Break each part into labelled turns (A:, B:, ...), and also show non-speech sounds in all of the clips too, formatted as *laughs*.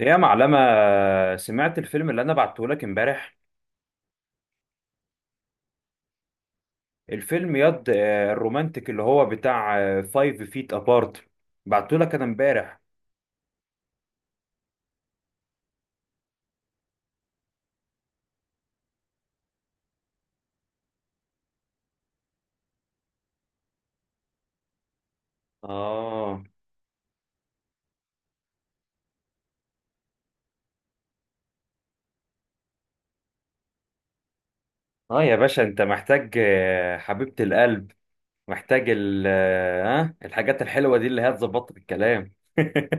A: يا معلمة، سمعت الفيلم اللي أنا بعته لك امبارح. الفيلم يد آه، الرومانتيك اللي هو بتاع فايف فيت أبارت. بعته لك أنا امبارح. آه. آه، يا باشا أنت محتاج حبيبة القلب. محتاج ال آه، ها الحاجات الحلوة دي اللي هي تظبط الكلام. *laughs*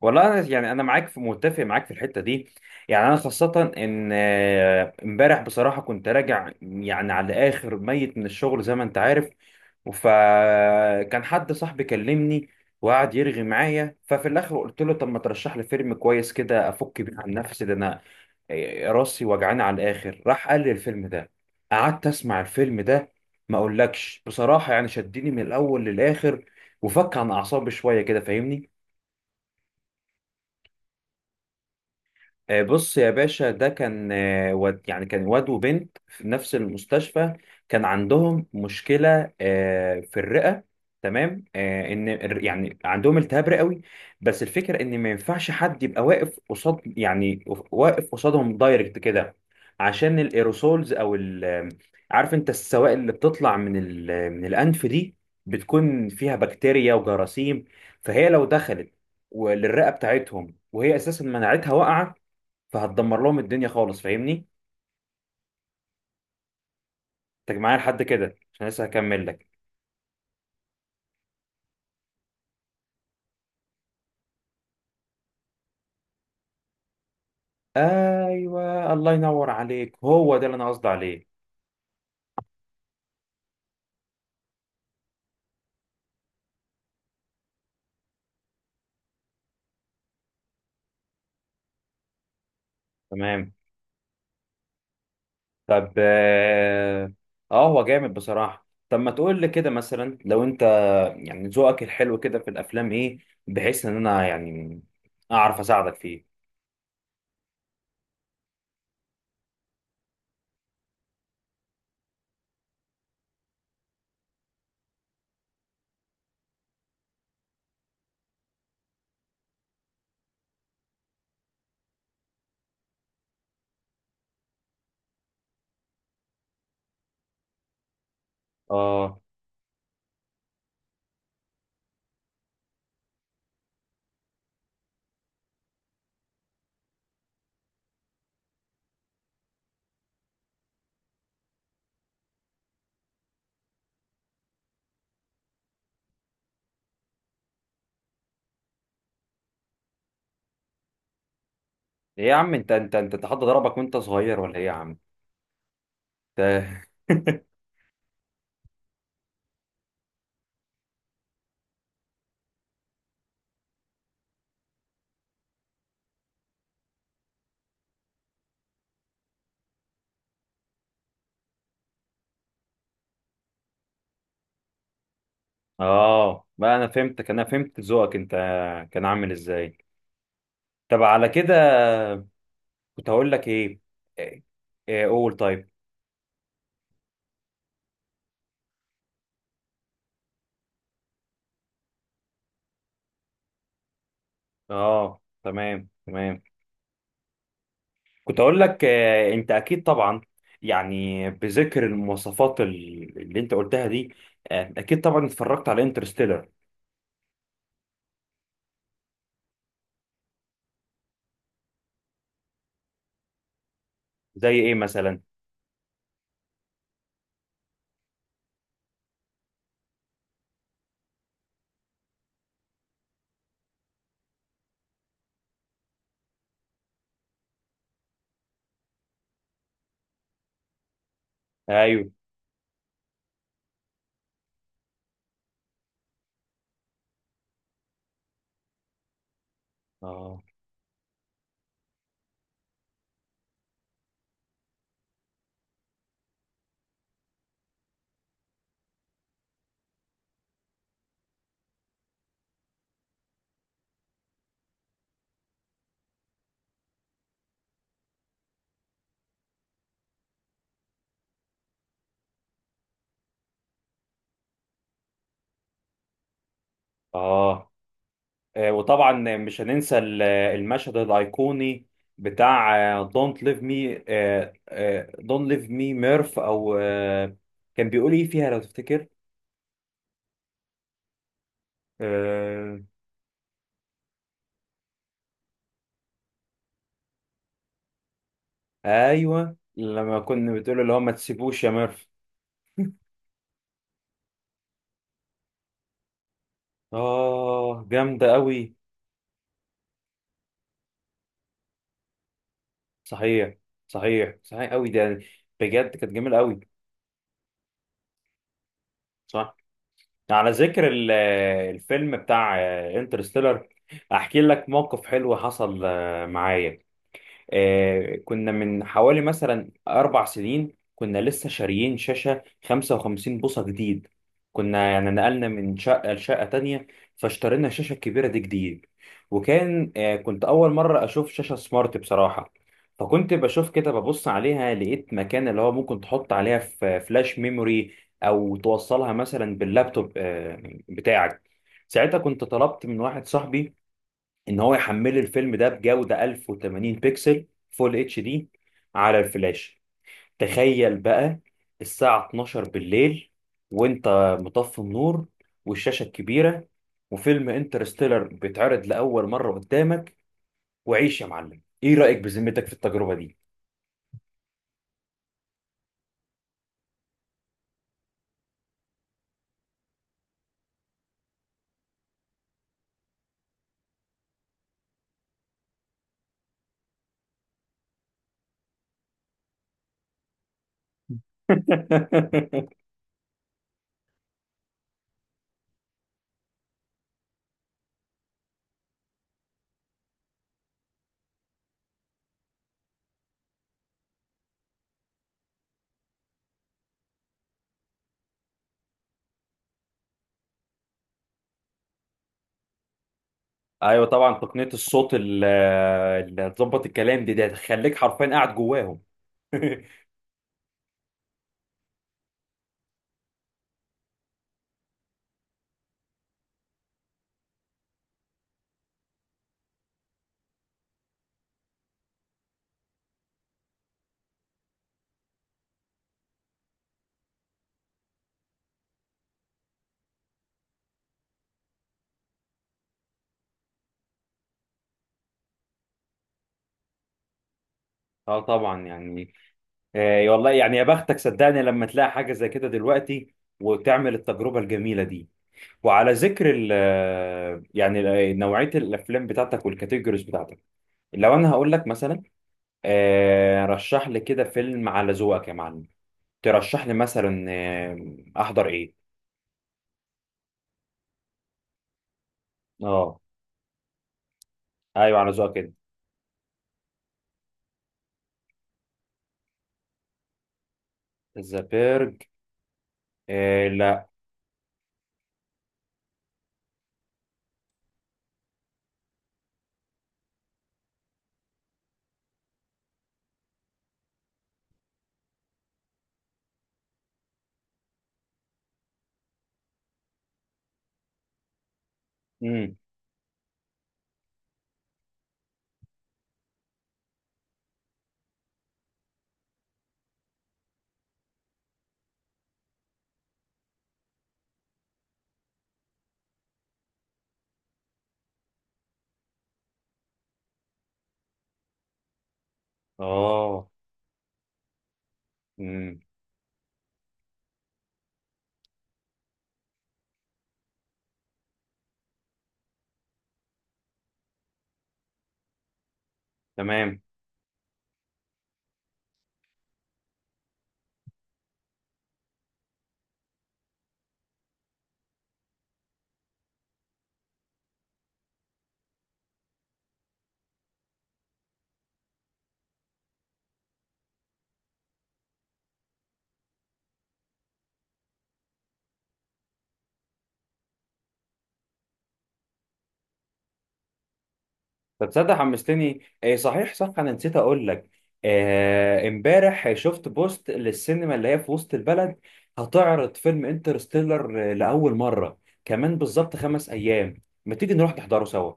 A: والله يعني انا معاك متفق معاك في الحته دي. يعني انا خاصه ان امبارح بصراحه كنت راجع يعني على اخر ميت من الشغل، زي ما انت عارف. فكان حد صاحبي كلمني وقعد يرغي معايا، ففي الاخر قلت له طب ما ترشح لي فيلم كويس كده افك بيه عن نفسي، ده انا راسي وجعانه على الاخر. راح قال لي الفيلم ده. قعدت اسمع الفيلم ده، ما اقولكش بصراحه، يعني شدني من الاول للاخر وفك عن اعصابي شويه كده، فاهمني؟ بص يا باشا، ده كان واد يعني كان واد وبنت في نفس المستشفى. كان عندهم مشكلة في الرئة. تمام. ان يعني عندهم التهاب رئوي. بس الفكرة ان ما ينفعش حد يبقى واقف قصاد، يعني واقف قصادهم دايركت كده، عشان الايروسولز او عارف انت السوائل اللي بتطلع من من الانف دي، بتكون فيها بكتيريا وجراثيم. فهي لو دخلت للرئة بتاعتهم وهي اساسا مناعتها واقعة، فهتدمر لهم الدنيا خالص، فاهمني؟ انت معايا لحد كده؟ عشان لسه هكمل لك. ايوه، الله ينور عليك، هو ده اللي انا قصدي عليه. تمام. طب اه. هو جامد بصراحه. طب ما تقول لي كده مثلا، لو انت يعني ذوقك الحلو كده في الافلام ايه، بحيث ان انا يعني اعرف اساعدك فيه. اه. ايه يا عم، انت حد ضربك وانت صغير ولا ايه؟ يا عم انت. *laughs* اه بقى، انا فهمتك، انا فهمت ذوقك. انت كان عامل ازاي؟ طب على كده كنت هقول لك ايه. إيه- إيه، قول طيب. اه تمام تمام. كنت هقول لك انت اكيد طبعا، يعني بذكر المواصفات اللي انت قلتها دي، اكيد طبعا اتفرجت على انترستيلر. زي ايه مثلا؟ ايوه. اه. اه. وطبعا مش هننسى المشهد الايقوني بتاع دونت ليف مي. دونت ليف مي ميرف، او كان بيقول ايه فيها لو تفتكر؟ آه، ايوه، لما كنا بتقول اللي هو ما تسيبوش يا ميرف. اه جامده قوي. صحيح. صحيح صحيح قوي ده. بجد كانت جميله قوي. صح. على ذكر الفيلم بتاع انترستيلر، احكي لك موقف حلو حصل معايا. كنا من حوالي مثلا 4 سنين، كنا لسه شاريين شاشة 55 بوصة جديد. كنا يعني نقلنا من شقة لشقة تانية، فاشترينا الشاشة الكبيرة دي جديد. وكان آه، كنت أول مرة أشوف شاشة سمارت بصراحة. فكنت بشوف كده، ببص عليها لقيت مكان اللي هو ممكن تحط عليها فلاش ميموري، أو توصلها مثلا باللابتوب بتاعك. ساعتها كنت طلبت من واحد صاحبي ان هو يحمل لي الفيلم ده بجودة 1080 بكسل فول اتش دي على الفلاش. تخيل بقى، الساعة 12 بالليل، وانت مطفي النور، والشاشة الكبيرة، وفيلم انترستيلر بيتعرض لأول مرة قدامك، وعيش يا معلم! ايه رأيك بذمتك في التجربة دي؟ *laughs* ايوه طبعا، تقنية الصوت اللي هتظبط الكلام دي، ده هتخليك حرفيا قاعد جواهم. *laughs* اه طبعا يعني، والله يعني يا بختك، صدقني لما تلاقي حاجة زي كده دلوقتي وتعمل التجربة الجميلة دي. وعلى ذكر ال آه، يعني نوعية الأفلام بتاعتك والكاتيجوريز بتاعتك، لو أنا هقول لك مثلا رشح لي كده فيلم على ذوقك يا معلم، ترشح لي مثلا أحضر إيه؟ أه. أيوه على ذوقك كده. ذا بيرج؟ آه لا. مم. أه. مم. تمام. طب تصدق حمستني؟ إيه صحيح، صح، انا نسيت اقول لك. امبارح شفت بوست للسينما اللي هي في وسط البلد، هتعرض فيلم انترستيلر لاول مره كمان بالظبط 5 ايام. ما تيجي نروح نحضره سوا؟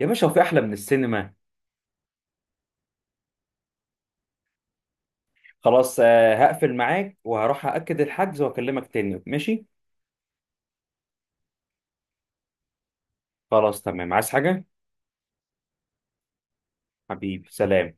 A: يا باشا، هو في احلى من السينما؟ خلاص، هقفل معاك وهروح اكد الحجز واكلمك تاني، ماشي؟ خلاص تمام. عايز حاجه؟ حبيبي سلام.